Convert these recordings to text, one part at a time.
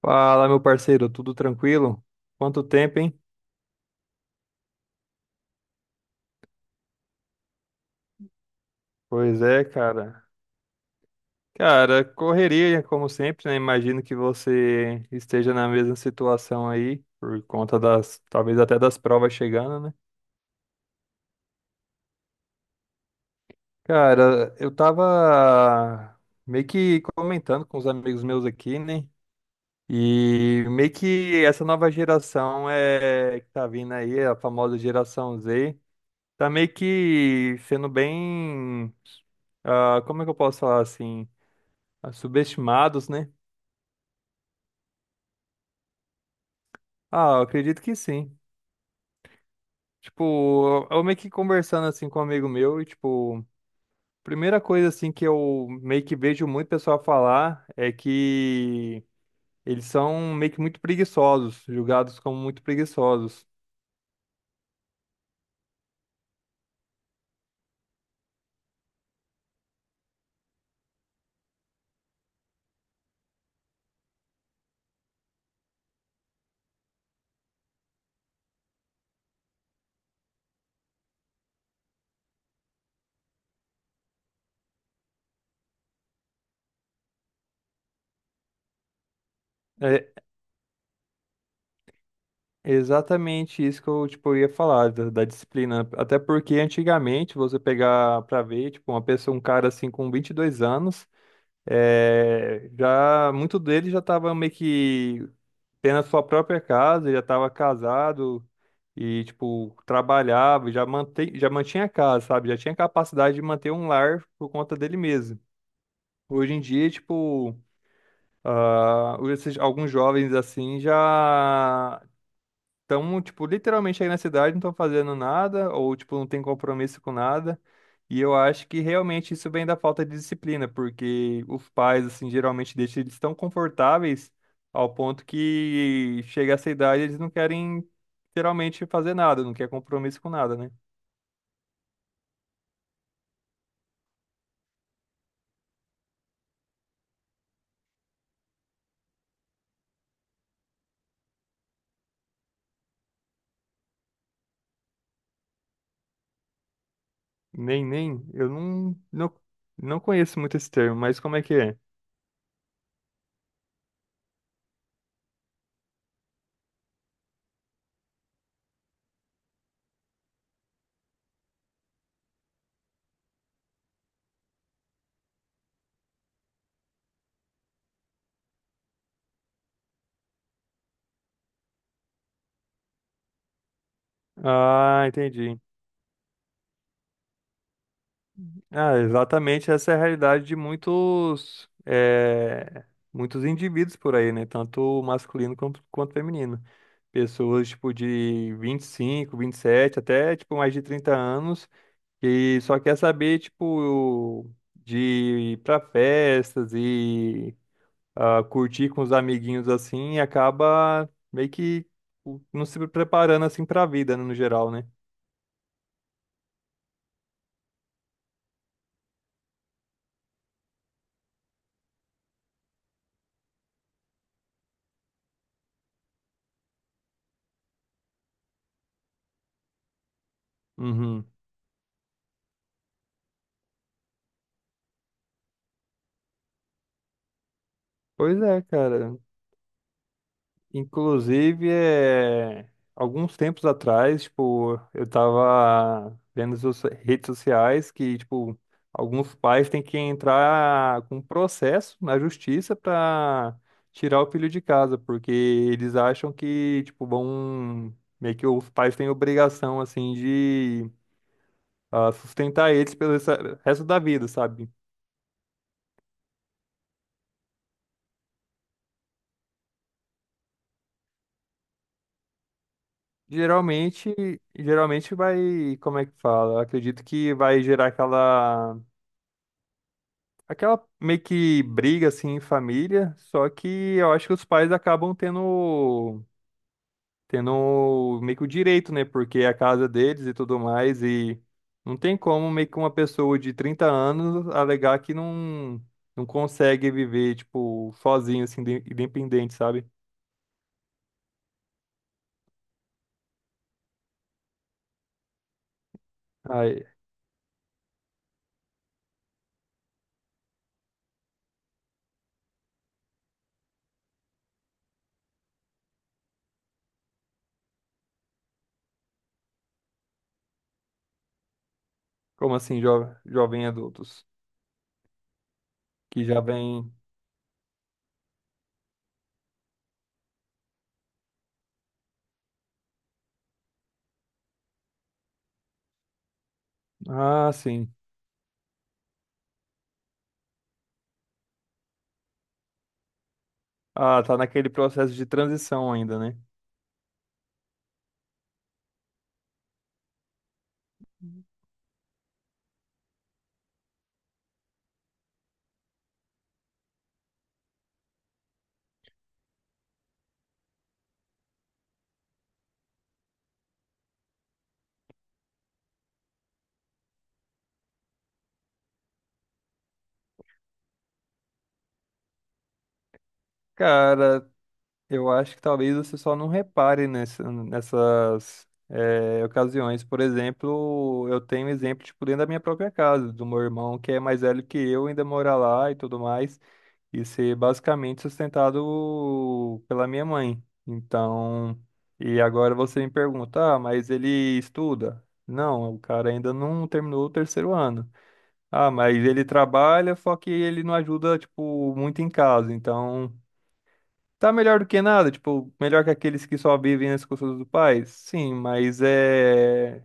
Fala, meu parceiro, tudo tranquilo? Quanto tempo, hein? Pois é, cara. Cara, correria, como sempre, né? Imagino que você esteja na mesma situação aí, por conta das, talvez até das provas chegando, né? Cara, eu tava meio que comentando com os amigos meus aqui, né? E meio que essa nova geração é que tá vindo aí, a famosa geração Z, tá meio que sendo bem, como é que eu posso falar assim? Subestimados, né? Eu acredito que sim. Tipo, eu meio que conversando assim com um amigo meu e tipo, primeira coisa assim que eu meio que vejo muito pessoal falar é que eles são meio que muito preguiçosos, julgados como muito preguiçosos. É exatamente isso que eu tipo eu ia falar da disciplina, até porque antigamente você pegar pra ver, tipo, uma pessoa, um cara assim com 22 anos, já muito dele já tava meio que tendo a sua própria casa, ele já estava casado e, tipo, trabalhava, já mantinha a casa, sabe? Já tinha capacidade de manter um lar por conta dele mesmo. Hoje em dia, tipo, esses, alguns jovens assim já estão, tipo, literalmente aí na cidade, não estão fazendo nada, ou, tipo, não tem compromisso com nada. E eu acho que realmente isso vem da falta de disciplina, porque os pais, assim, geralmente deixam eles tão confortáveis ao ponto que chega essa idade eles não querem, geralmente, fazer nada, não quer compromisso com nada, né? Nem, nem, eu não, não, não conheço muito esse termo, mas como é que é? Ah, entendi. Ah, exatamente, essa é a realidade de muitos, muitos indivíduos por aí, né? Tanto masculino quanto, quanto feminino. Pessoas, tipo, de vinte vinte e cinco vinte e sete até, tipo, mais de 30 anos, que só quer saber, tipo, de ir pra festas e curtir com os amiguinhos, assim, e acaba meio que não se preparando, assim, pra vida, né, no geral, né? Uhum. Pois é, cara. Inclusive, alguns tempos atrás, tipo, eu tava vendo as redes sociais que, tipo, alguns pais têm que entrar com processo na justiça para tirar o filho de casa, porque eles acham que, tipo, vão... meio que os pais têm obrigação, assim, de sustentar eles pelo resto da vida, sabe? Geralmente, geralmente vai, como é que fala? Eu acredito que vai gerar aquela meio que briga assim em família, só que eu acho que os pais acabam tendo meio que o direito, né? Porque é a casa deles e tudo mais e não tem como meio que uma pessoa de 30 anos alegar que não consegue viver tipo sozinho assim, independente, sabe? Aí, como assim, jo jovem adultos que já vem. Ah, sim. Ah, tá naquele processo de transição ainda, né? Cara, eu acho que talvez você só não repare nessas ocasiões. Por exemplo, eu tenho um exemplo tipo, dentro da minha própria casa, do meu irmão que é mais velho que eu, ainda mora lá e tudo mais, e ser basicamente sustentado pela minha mãe. Então, e agora você me pergunta, ah, mas ele estuda? Não, o cara ainda não terminou o terceiro ano. Ah, mas ele trabalha, só que ele não ajuda, tipo, muito em casa, então... Tá melhor do que nada, tipo, melhor que aqueles que só vivem nas costas do pai? Sim, mas é.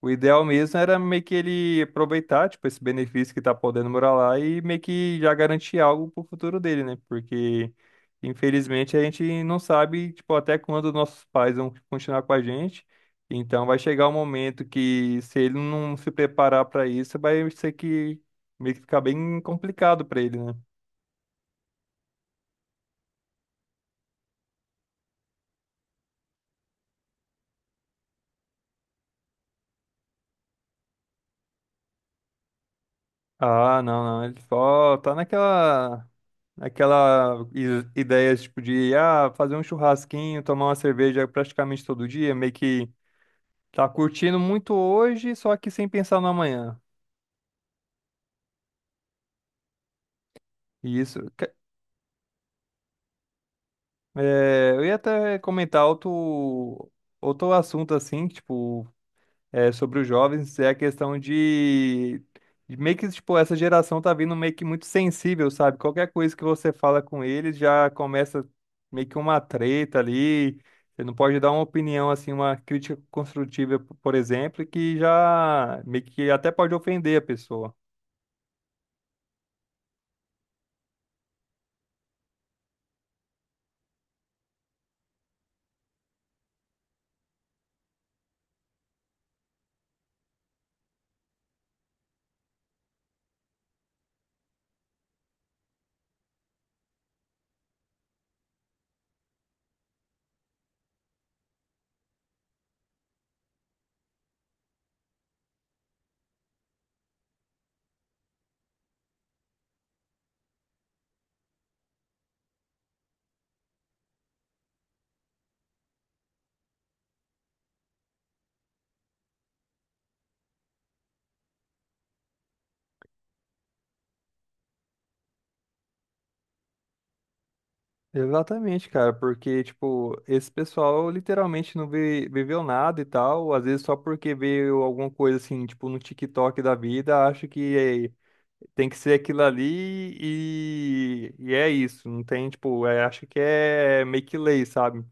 O ideal mesmo era meio que ele aproveitar, tipo, esse benefício que tá podendo morar lá e meio que já garantir algo pro futuro dele, né? Porque, infelizmente, a gente não sabe, tipo, até quando nossos pais vão continuar com a gente. Então, vai chegar um momento que, se ele não se preparar para isso, vai ser que meio que ficar bem complicado para ele, né? Ah, não, não. Ele só tá naquela ideia tipo de fazer um churrasquinho, tomar uma cerveja praticamente todo dia, meio que tá curtindo muito hoje, só que sem pensar no amanhã. E isso. É, eu ia até comentar outro assunto assim, tipo sobre os jovens é a questão de meio que, tipo, essa geração tá vindo meio que muito sensível, sabe? Qualquer coisa que você fala com eles já começa meio que uma treta ali. Você não pode dar uma opinião, assim, uma crítica construtiva, por exemplo, que já meio que até pode ofender a pessoa. Exatamente, cara, porque, tipo, esse pessoal literalmente não viveu nada e tal, às vezes só porque veio alguma coisa assim, tipo, no TikTok da vida, acho que tem que ser aquilo ali e é isso. Não tem, tipo, é, acho que é meio que lei, sabe?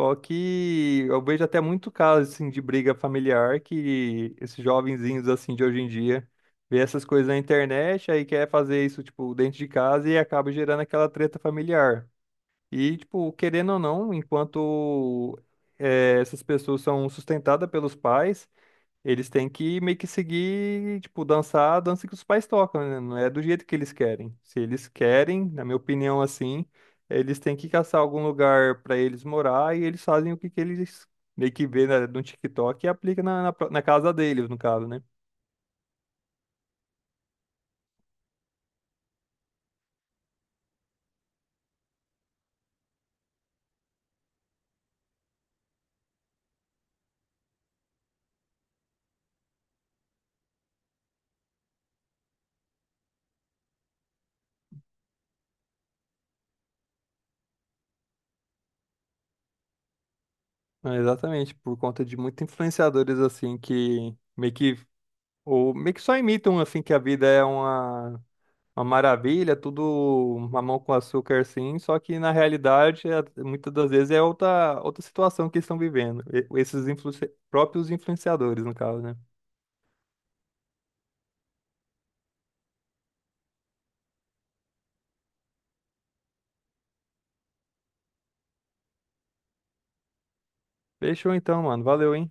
Só que eu vejo até muito caso, assim, de briga familiar que esses jovenzinhos, assim, de hoje em dia vê essas coisas na internet, aí quer fazer isso, tipo, dentro de casa e acaba gerando aquela treta familiar. E, tipo, querendo ou não, enquanto essas pessoas são sustentadas pelos pais, eles têm que meio que seguir, tipo, dançar a dança que os pais tocam, né? Não é do jeito que eles querem. Se eles querem, na minha opinião, assim, eles têm que caçar algum lugar pra eles morar e eles fazem o que, que eles meio que vê no TikTok e aplica na na casa deles, no caso, né? É, exatamente, por conta de muitos influenciadores, assim, que meio que, ou meio que só imitam, assim, que a vida é uma. Uma maravilha, tudo mamão com açúcar assim, só que na realidade, muitas das vezes é outra situação que eles estão vivendo, esses próprios influenciadores, no caso, né? Fechou então, mano. Valeu, hein?